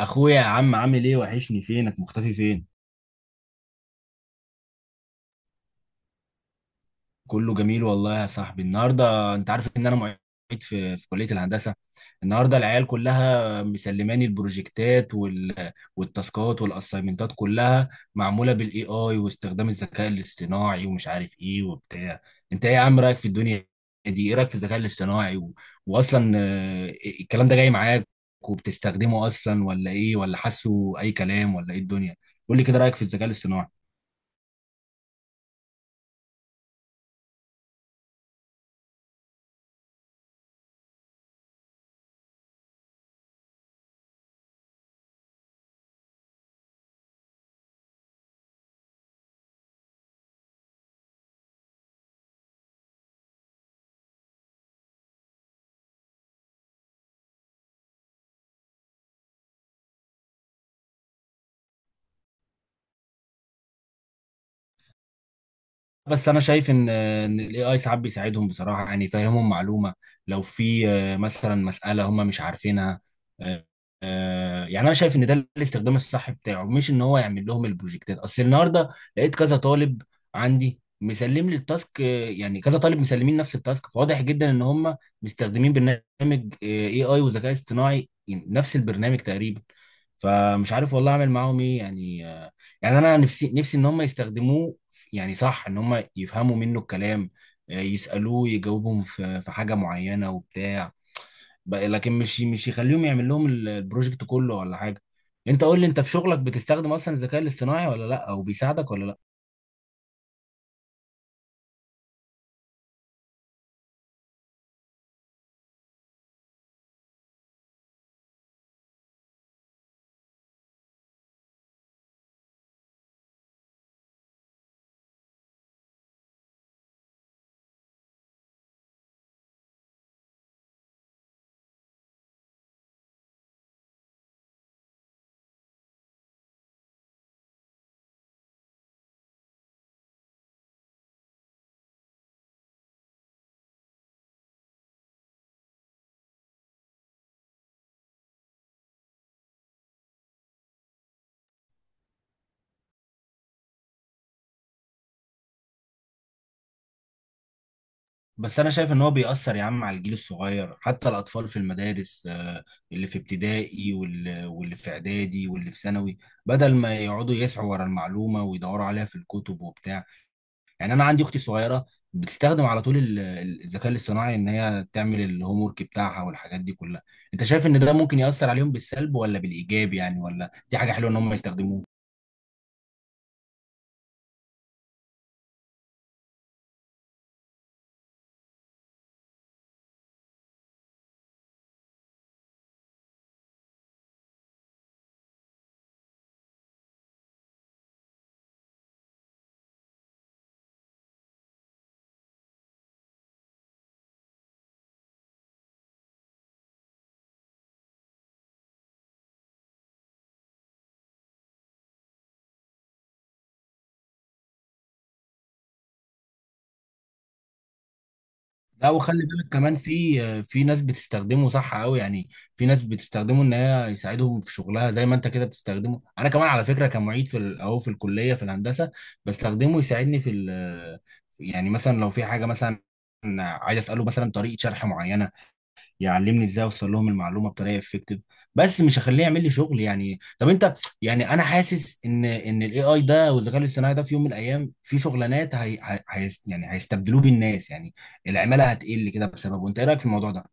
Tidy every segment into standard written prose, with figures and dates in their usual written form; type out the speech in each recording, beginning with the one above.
اخويا يا عم عامل ايه؟ وحشني، فينك مختفي؟ فين كله جميل والله يا صاحبي. النهارده انت عارف ان انا معيد في كليه الهندسه. النهارده العيال كلها مسلماني البروجكتات والتاسكات والاسايمنتات كلها معموله بالاي اي واستخدام الذكاء الاصطناعي ومش عارف ايه وبتاع. انت ايه يا عم رايك في الدنيا دي؟ ايه رايك في الذكاء الاصطناعي واصلا الكلام ده جاي معاك وبتستخدمه اصلا، ولا ايه؟ ولا حاسه اي كلام، ولا ايه الدنيا؟ قول لي كده رايك في الذكاء الاصطناعي. بس انا شايف ان الاي اي ساعات بيساعدهم بصراحه، يعني يفهمهم معلومه لو في مثلا مساله هم مش عارفينها. آه، يعني انا شايف ان ده الاستخدام الصح بتاعه، مش ان هو يعمل لهم البروجكتات. اصل النهارده لقيت كذا طالب عندي مسلم لي التاسك، يعني كذا طالب مسلمين نفس التاسك، فواضح جدا ان هم مستخدمين برنامج اي اي وذكاء اصطناعي، يعني نفس البرنامج تقريبا. فمش عارف والله اعمل معاهم ايه يعني. يعني انا نفسي نفسي ان هم يستخدموه يعني صح ان هم يفهموا منه الكلام، يسالوه يجاوبهم في حاجه معينه وبتاع، لكن مش يخليهم يعمل لهم البروجكت كله ولا حاجه. انت قول لي انت في شغلك بتستخدم اصلا الذكاء الاصطناعي ولا لا؟ او بيساعدك ولا لا؟ بس انا شايف ان هو بيأثر يا عم على الجيل الصغير، حتى الاطفال في المدارس، اللي في ابتدائي واللي في اعدادي واللي في ثانوي، بدل ما يقعدوا يسعوا ورا المعلومه ويدوروا عليها في الكتب وبتاع. يعني انا عندي اختي الصغيره بتستخدم على طول الذكاء الاصطناعي ان هي تعمل الهوم ورك بتاعها والحاجات دي كلها. انت شايف ان ده ممكن ياثر عليهم بالسلب ولا بالايجاب؟ يعني ولا دي حاجه حلوه ان هم يستخدموه؟ لا، وخلي بالك كمان في ناس بتستخدمه صح قوي يعني. في ناس بتستخدمه ان هي يساعدهم في شغلها، زي ما انت كده بتستخدمه. انا كمان على فكره كمعيد في اهو في الكليه في الهندسه، بستخدمه يساعدني في يعني مثلا لو في حاجه مثلا عايز اساله مثلا طريقه شرح معينه، يعلمني ازاي اوصل لهم المعلومه بطريقه افكتيف. بس مش هخليه يعمل لي شغل يعني. طب انت، يعني انا حاسس ان الاي اي ده والذكاء الاصطناعي ده في يوم من الايام في شغلانات يعني هيستبدلوه بالناس يعني. العماله هتقل كده بسببه. انت ايه رايك في الموضوع ده؟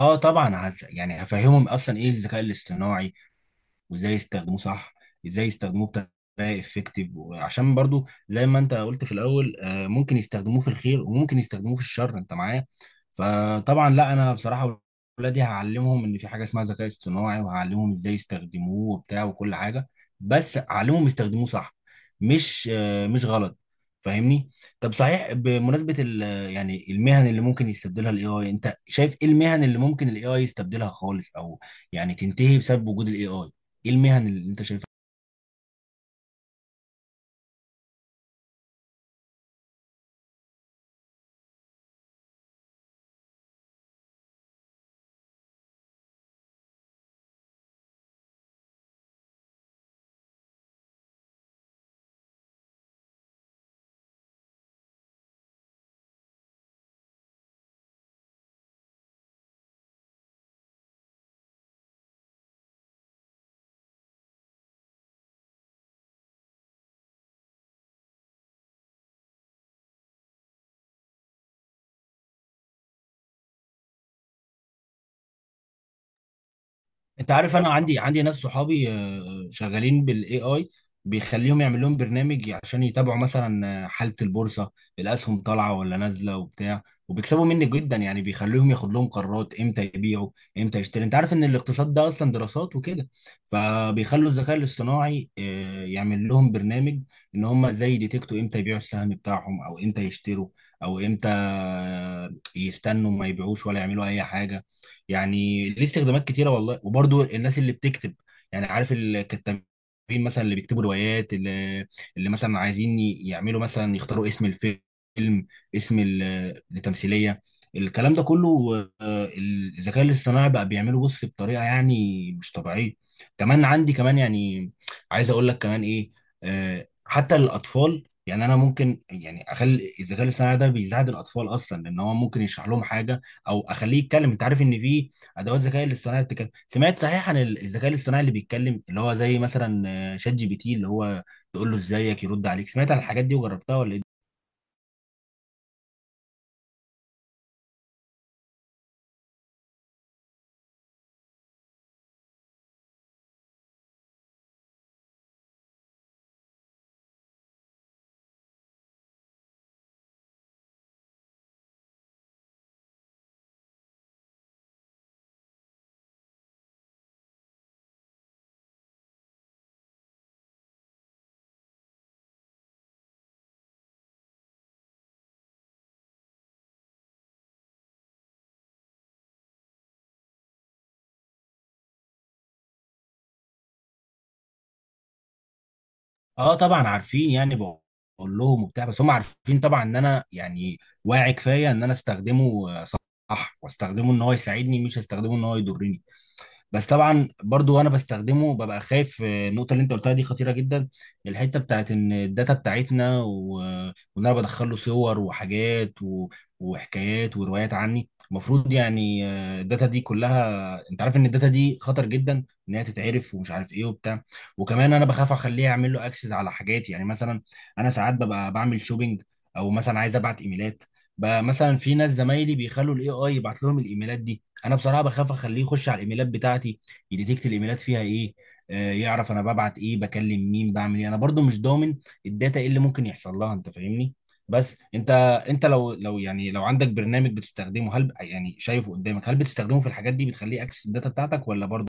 اه طبعا، يعني هفهمهم اصلا ايه الذكاء الاصطناعي وازاي يستخدموه صح، ازاي يستخدموه بطريقه افكتيف. وعشان برضو زي ما انت قلت في الاول، ممكن يستخدموه في الخير وممكن يستخدموه في الشر. انت معايا؟ فطبعا لا، انا بصراحه ولادي هعلمهم ان في حاجه اسمها ذكاء اصطناعي، وهعلمهم ازاي يستخدموه وبتاع وكل حاجه. بس اعلمهم يستخدموه صح، مش مش غلط، فاهمني؟ طب صحيح، بمناسبه يعني المهن اللي ممكن يستبدلها الاي اي، انت شايف ايه المهن اللي ممكن الاي اي يستبدلها خالص او يعني تنتهي بسبب وجود الاي اي؟ ايه المهن اللي انت شايفها؟ انت عارف انا عندي ناس صحابي شغالين بالاي اي. بيخليهم يعمل لهم برنامج عشان يتابعوا مثلا حالة البورصة، الاسهم طالعة ولا نازلة وبتاع، وبيكسبوا مني جدا يعني. بيخليهم ياخد لهم قرارات امتى يبيعوا، امتى يشتري. انت عارف ان الاقتصاد ده اصلا دراسات وكده، فبيخلوا الذكاء الاصطناعي يعمل لهم برنامج ان هم زي ديتكتوا امتى يبيعوا السهم بتاعهم او امتى يشتروا او امتى يستنوا ما يبيعوش ولا يعملوا اي حاجة. يعني ليه استخدامات كتيره والله. وبرضو الناس اللي بتكتب، يعني عارف الكتابين مثلا اللي بيكتبوا روايات، اللي مثلا عايزين يعملوا مثلا يختاروا اسم الفيلم، اسم التمثيليه، الكلام ده كله، الذكاء الاصطناعي بقى بيعمله بص بطريقه يعني مش طبيعيه. كمان عندي كمان يعني عايز اقول لك كمان ايه، حتى الاطفال. يعني انا ممكن يعني اخلي الذكاء الاصطناعي ده بيساعد الاطفال اصلا، لان هو ممكن يشرح لهم حاجه او اخليه يتكلم. انت عارف ان في ادوات ذكاء الاصطناعي بتتكلم؟ سمعت صحيح عن الذكاء الاصطناعي اللي بيتكلم؟ اللي هو زي مثلا شات جي بي تي، اللي هو تقول له ازيك يرد عليك. سمعت عن الحاجات دي وجربتها ولا ايه؟ اه طبعا عارفين يعني، بقول لهم وبتاع، بس هم عارفين طبعا ان انا يعني واعي كفايه ان انا استخدمه صح، واستخدمه ان هو يساعدني مش هستخدمه ان هو يضرني. بس طبعا برضو وانا بستخدمه ببقى خايف، النقطه اللي انت قلتها دي خطيره جدا، الحته بتاعت ان الداتا بتاعتنا وان انا بدخل له صور وحاجات وحكايات وروايات عني، المفروض يعني الداتا دي كلها. انت عارف ان الداتا دي خطر جدا ان هي تتعرف ومش عارف ايه وبتاع. وكمان انا بخاف اخليه اعمل له اكسس على حاجاتي. يعني مثلا انا ساعات ببقى بعمل شوبينج، او مثلا عايز ابعت ايميلات. بقى مثلا في ناس زمايلي بيخلوا الاي اي يبعت لهم الايميلات دي، انا بصراحه بخاف اخليه يخش على الايميلات بتاعتي، يديتكت الايميلات فيها ايه، آه يعرف انا ببعت ايه، بكلم مين، بعمل ايه. انا برضو مش ضامن الداتا ايه اللي ممكن يحصل لها، انت فاهمني؟ بس انت، انت لو يعني لو عندك برنامج بتستخدمه، هل يعني شايفه قدامك، هل بتستخدمه في الحاجات دي؟ بتخليه اكسس الداتا بتاعتك ولا برضو؟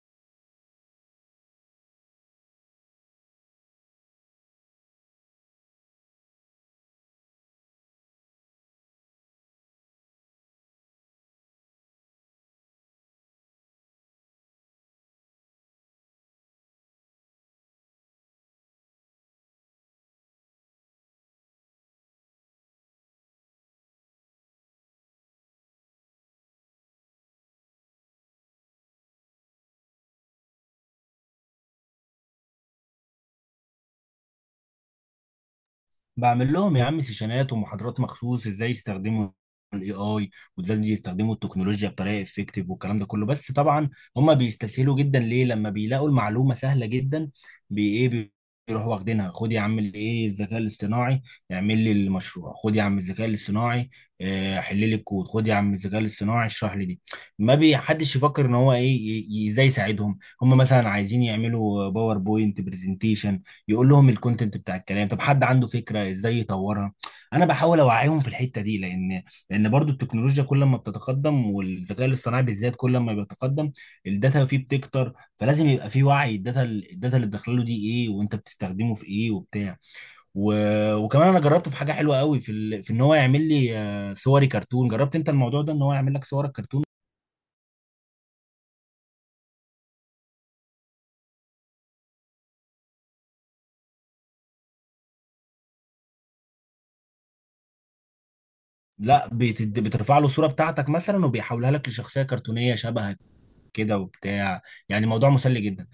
بعمل لهم يا عم سيشنات ومحاضرات مخصوص ازاي يستخدموا الاي اي، وازاي يستخدموا التكنولوجيا بطريقه افكتيف، والكلام ده كله. بس طبعا هم بيستسهلوا جدا. ليه؟ لما بيلاقوا المعلومه سهله جدا، بي ايه بي- بيروحوا واخدينها. خد يا عم الايه الذكاء الاصطناعي اعمل لي المشروع، خد يا عم الذكاء الاصطناعي حل لي الكود، خد يا عم الذكاء الاصطناعي اشرح لي دي. ما بيحدش يفكر ان هو ايه، ازاي يساعدهم. هم مثلا عايزين يعملوا باوربوينت برزنتيشن، يقول لهم الكونتنت بتاع الكلام. طب حد عنده فكره ازاي يطورها؟ انا بحاول اوعيهم في الحته دي، لان برضو التكنولوجيا كل ما بتتقدم، والذكاء الاصطناعي بالذات كل ما بيتقدم، الداتا فيه بتكتر. فلازم يبقى فيه وعي، الداتا اللي داخله دي ايه، وانت بتستخدمه في ايه وبتاع. و... وكمان انا جربته في حاجه حلوه قوي في في ان هو يعمل لي صوري كرتون. جربت انت الموضوع ده ان هو يعمل لك صورك كرتون؟ لا، بترفع له الصوره بتاعتك مثلا، وبيحولها لك لشخصيه كرتونيه شبهك كده وبتاع. يعني موضوع مسلي جدا.